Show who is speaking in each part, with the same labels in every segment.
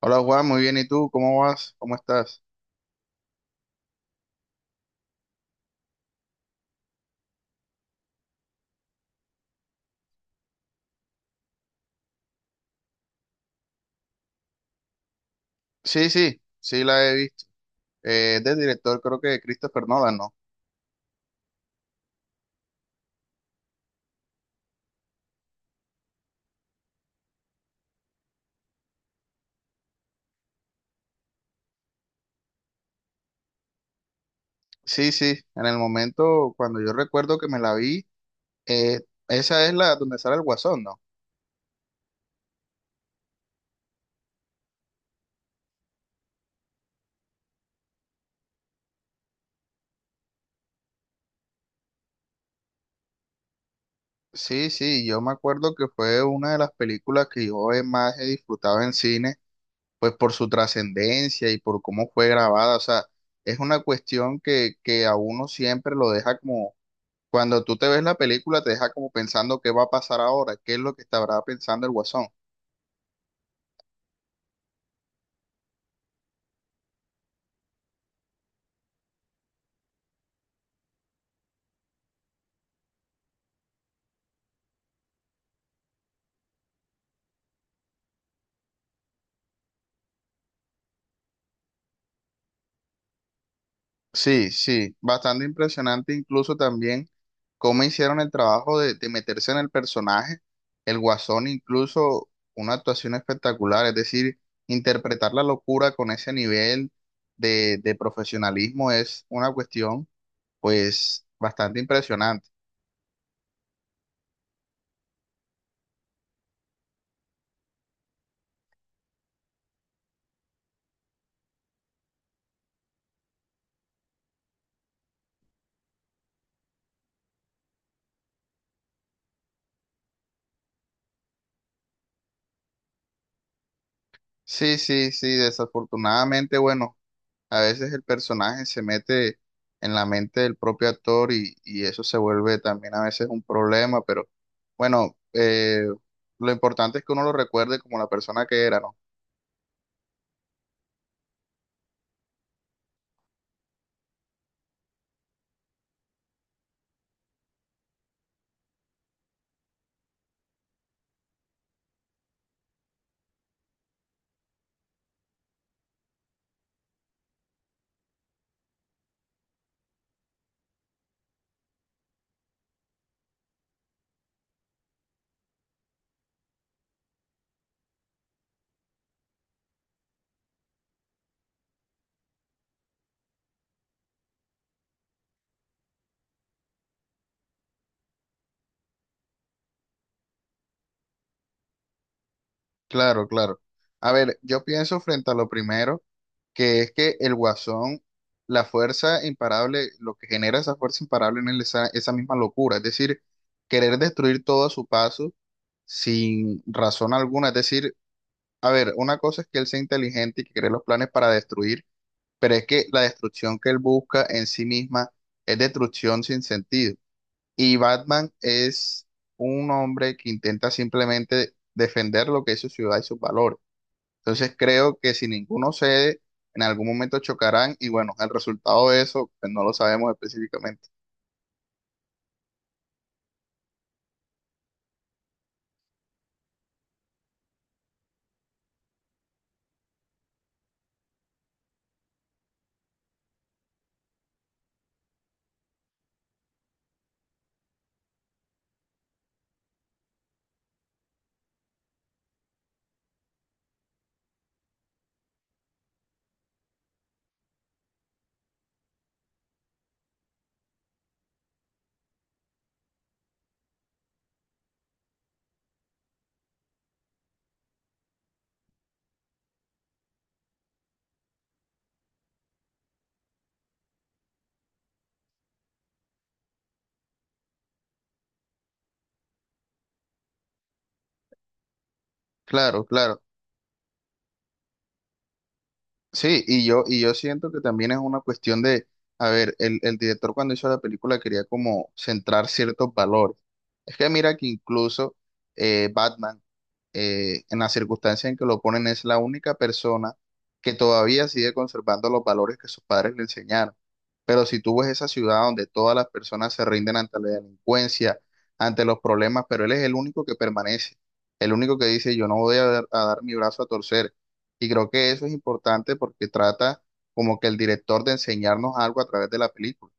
Speaker 1: Hola Juan, muy bien. ¿Y tú? ¿Cómo vas? ¿Cómo estás? Sí, sí, sí la he visto. Es del director, creo que de Christopher Nolan, ¿no? Sí, sí. En el momento, cuando yo recuerdo que me la vi, eh, esa es la donde sale el Guasón, ¿no? Sí, sí. Yo me acuerdo que fue una de las películas que yo he más he disfrutado en cine, pues por su trascendencia y por cómo fue grabada. O sea, es una cuestión que a uno siempre lo deja como cuando tú te ves la película, te deja como pensando qué va a pasar ahora, qué es lo que estará pensando el Guasón. Sí, sí, bastante impresionante, incluso también cómo hicieron el trabajo de meterse en el personaje. El Guasón incluso una actuación espectacular, es decir, interpretar la locura con ese nivel de profesionalismo es una cuestión pues bastante impresionante. Sí, sí, sí, desafortunadamente, bueno. A veces el personaje se mete en la mente del propio actor y eso se vuelve también a veces un problema, pero bueno, lo importante es que uno lo recuerde como la persona que era, ¿no? Claro, claro. A ver, yo pienso frente a lo primero, que es que el Guasón, la fuerza imparable, lo que genera esa fuerza imparable en él es esa misma locura, es decir, querer destruir todo a su paso sin razón alguna, es decir, a ver, una cosa es que él sea inteligente y que cree los planes para destruir, pero es que la destrucción que él busca en sí misma es destrucción sin sentido. Y Batman es un hombre que intenta simplemente defender lo que es su ciudad y sus valores. Entonces creo que si ninguno cede, en algún momento chocarán y bueno, el resultado de eso pues, no lo sabemos específicamente. Claro, claro. Sí, y yo siento que también es una cuestión de, a ver, el director cuando hizo la película quería como centrar ciertos valores. Es que mira que incluso Batman, en la circunstancia en que lo ponen, es la única persona que todavía sigue conservando los valores que sus padres le enseñaron. Pero si tú ves esa ciudad donde todas las personas se rinden ante la delincuencia, ante los problemas, pero él es el único que permanece, el único que dice, yo no voy a dar mi brazo a torcer y creo que eso es importante porque trata como que el director de enseñarnos algo a través de la película.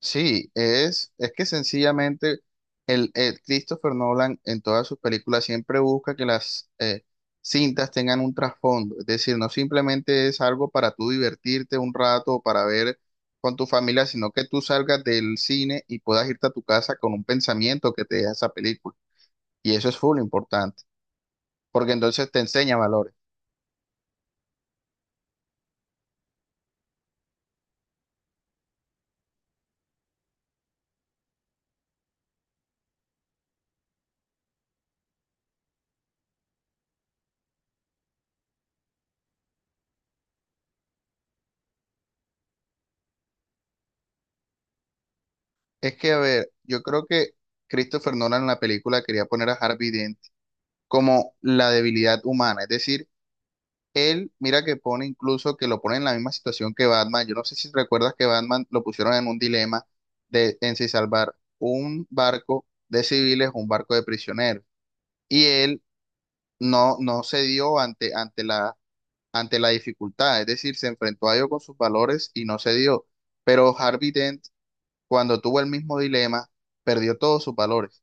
Speaker 1: Sí, es que sencillamente el Christopher Nolan en todas sus películas siempre busca que las cintas tengan un trasfondo. Es decir, no simplemente es algo para tú divertirte un rato o para ver con tu familia, sino que tú salgas del cine y puedas irte a tu casa con un pensamiento que te deja esa película. Y eso es full importante, porque entonces te enseña valores. Es que, a ver, yo creo que Christopher Nolan en la película quería poner a Harvey Dent como la debilidad humana. Es decir, él, mira que pone incluso que lo pone en la misma situación que Batman. Yo no sé si recuerdas que Batman lo pusieron en un dilema de en si salvar un barco de civiles o un barco de prisioneros. Y él no cedió ante ante la dificultad. Es decir, se enfrentó a ello con sus valores y no cedió. Pero Harvey Dent, cuando tuvo el mismo dilema, perdió todos sus valores.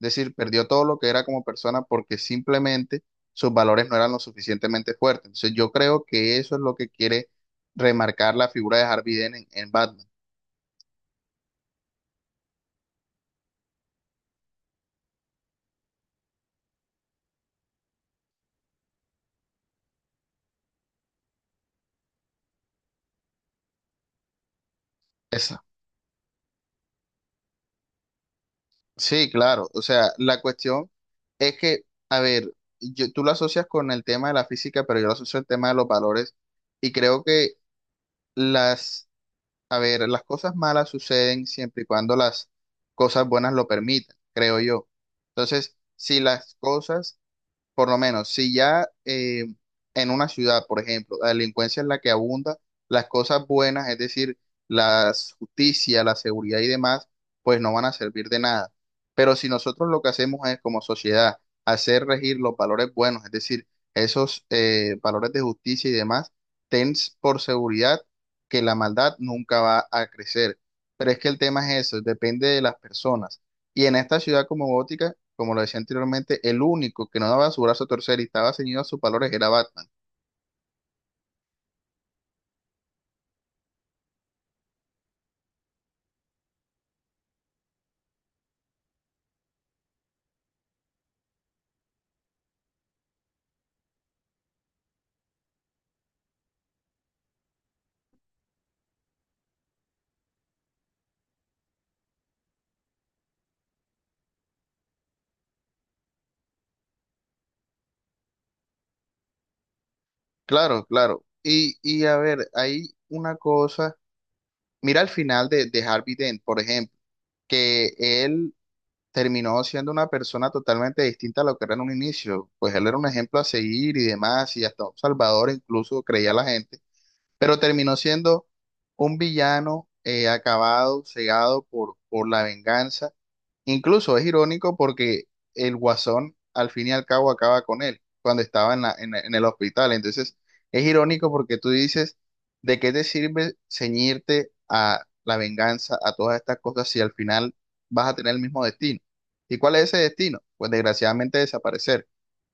Speaker 1: Decir, perdió todo lo que era como persona porque simplemente sus valores no eran lo suficientemente fuertes. Entonces yo creo que eso es lo que quiere remarcar la figura de Harvey Dent en Batman. Esa. Sí, claro. O sea, la cuestión es que, a ver, tú lo asocias con el tema de la física, pero yo lo asocio al tema de los valores y creo que las, a ver, las cosas malas suceden siempre y cuando las cosas buenas lo permitan, creo yo. Entonces, si las cosas por lo menos, si ya en una ciudad, por ejemplo, la delincuencia es la que abunda, las cosas buenas, es decir, la justicia, la seguridad y demás, pues no van a servir de nada. Pero si nosotros lo que hacemos es, como sociedad, hacer regir los valores buenos, es decir, esos valores de justicia y demás, ten por seguridad que la maldad nunca va a crecer. Pero es que el tema es eso, depende de las personas. Y en esta ciudad como Gótica, como lo decía anteriormente, el único que no daba su brazo a torcer y estaba ceñido a sus valores era Batman. Claro, claro. Y a ver, hay una cosa. Mira al final de Harvey Dent, por ejemplo, que él terminó siendo una persona totalmente distinta a lo que era en un inicio. Pues él era un ejemplo a seguir y demás, y hasta un salvador incluso creía la gente, pero terminó siendo un villano acabado, cegado por la venganza. Incluso es irónico porque el Guasón al fin y al cabo acaba con él cuando estaba en el hospital. Entonces es irónico porque tú dices, ¿de qué te sirve ceñirte a la venganza, a todas estas cosas si al final vas a tener el mismo destino? ¿Y cuál es ese destino? Pues desgraciadamente desaparecer.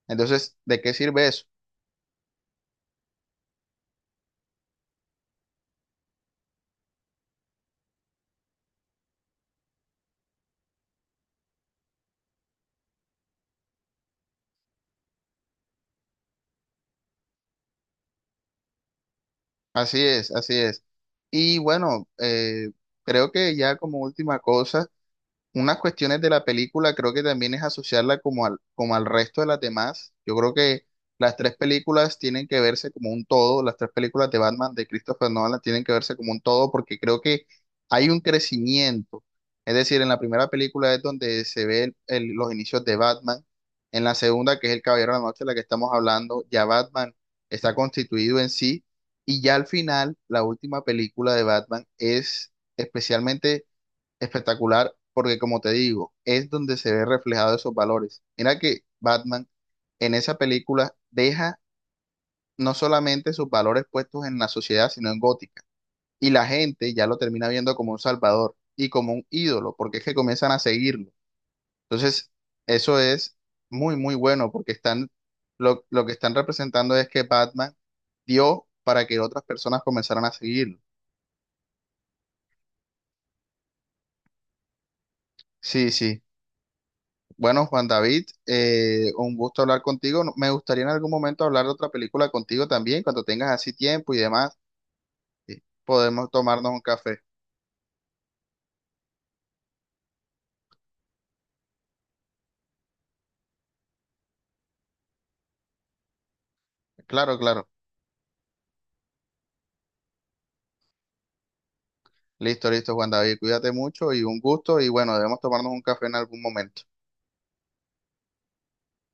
Speaker 1: Entonces, ¿de qué sirve eso? Así es, así es. Y bueno, creo que ya como última cosa, unas cuestiones de la película creo que también es asociarla como al resto de las demás. Yo creo que las tres películas tienen que verse como un todo, las tres películas de Batman de Christopher Nolan tienen que verse como un todo porque creo que hay un crecimiento. Es decir, en la primera película es donde se ve los inicios de Batman, en la segunda, que es El Caballero de la Noche, de la que estamos hablando, ya Batman está constituido en sí y ya al final, la última película de Batman es especialmente espectacular porque, como te digo, es donde se ve reflejado esos valores. Mira que Batman en esa película deja no solamente sus valores puestos en la sociedad, sino en Gótica. Y la gente ya lo termina viendo como un salvador y como un ídolo, porque es que comienzan a seguirlo. Entonces, eso es muy, muy bueno porque están, lo que están representando es que Batman dio para que otras personas comenzaran a seguirlo. Sí, sí. Bueno, Juan David, un gusto hablar contigo. Me gustaría en algún momento hablar de otra película contigo también, cuando tengas así tiempo y demás, podemos tomarnos un café. Claro, claro. Listo, listo, Juan David, cuídate mucho y un gusto y bueno, debemos tomarnos un café en algún momento.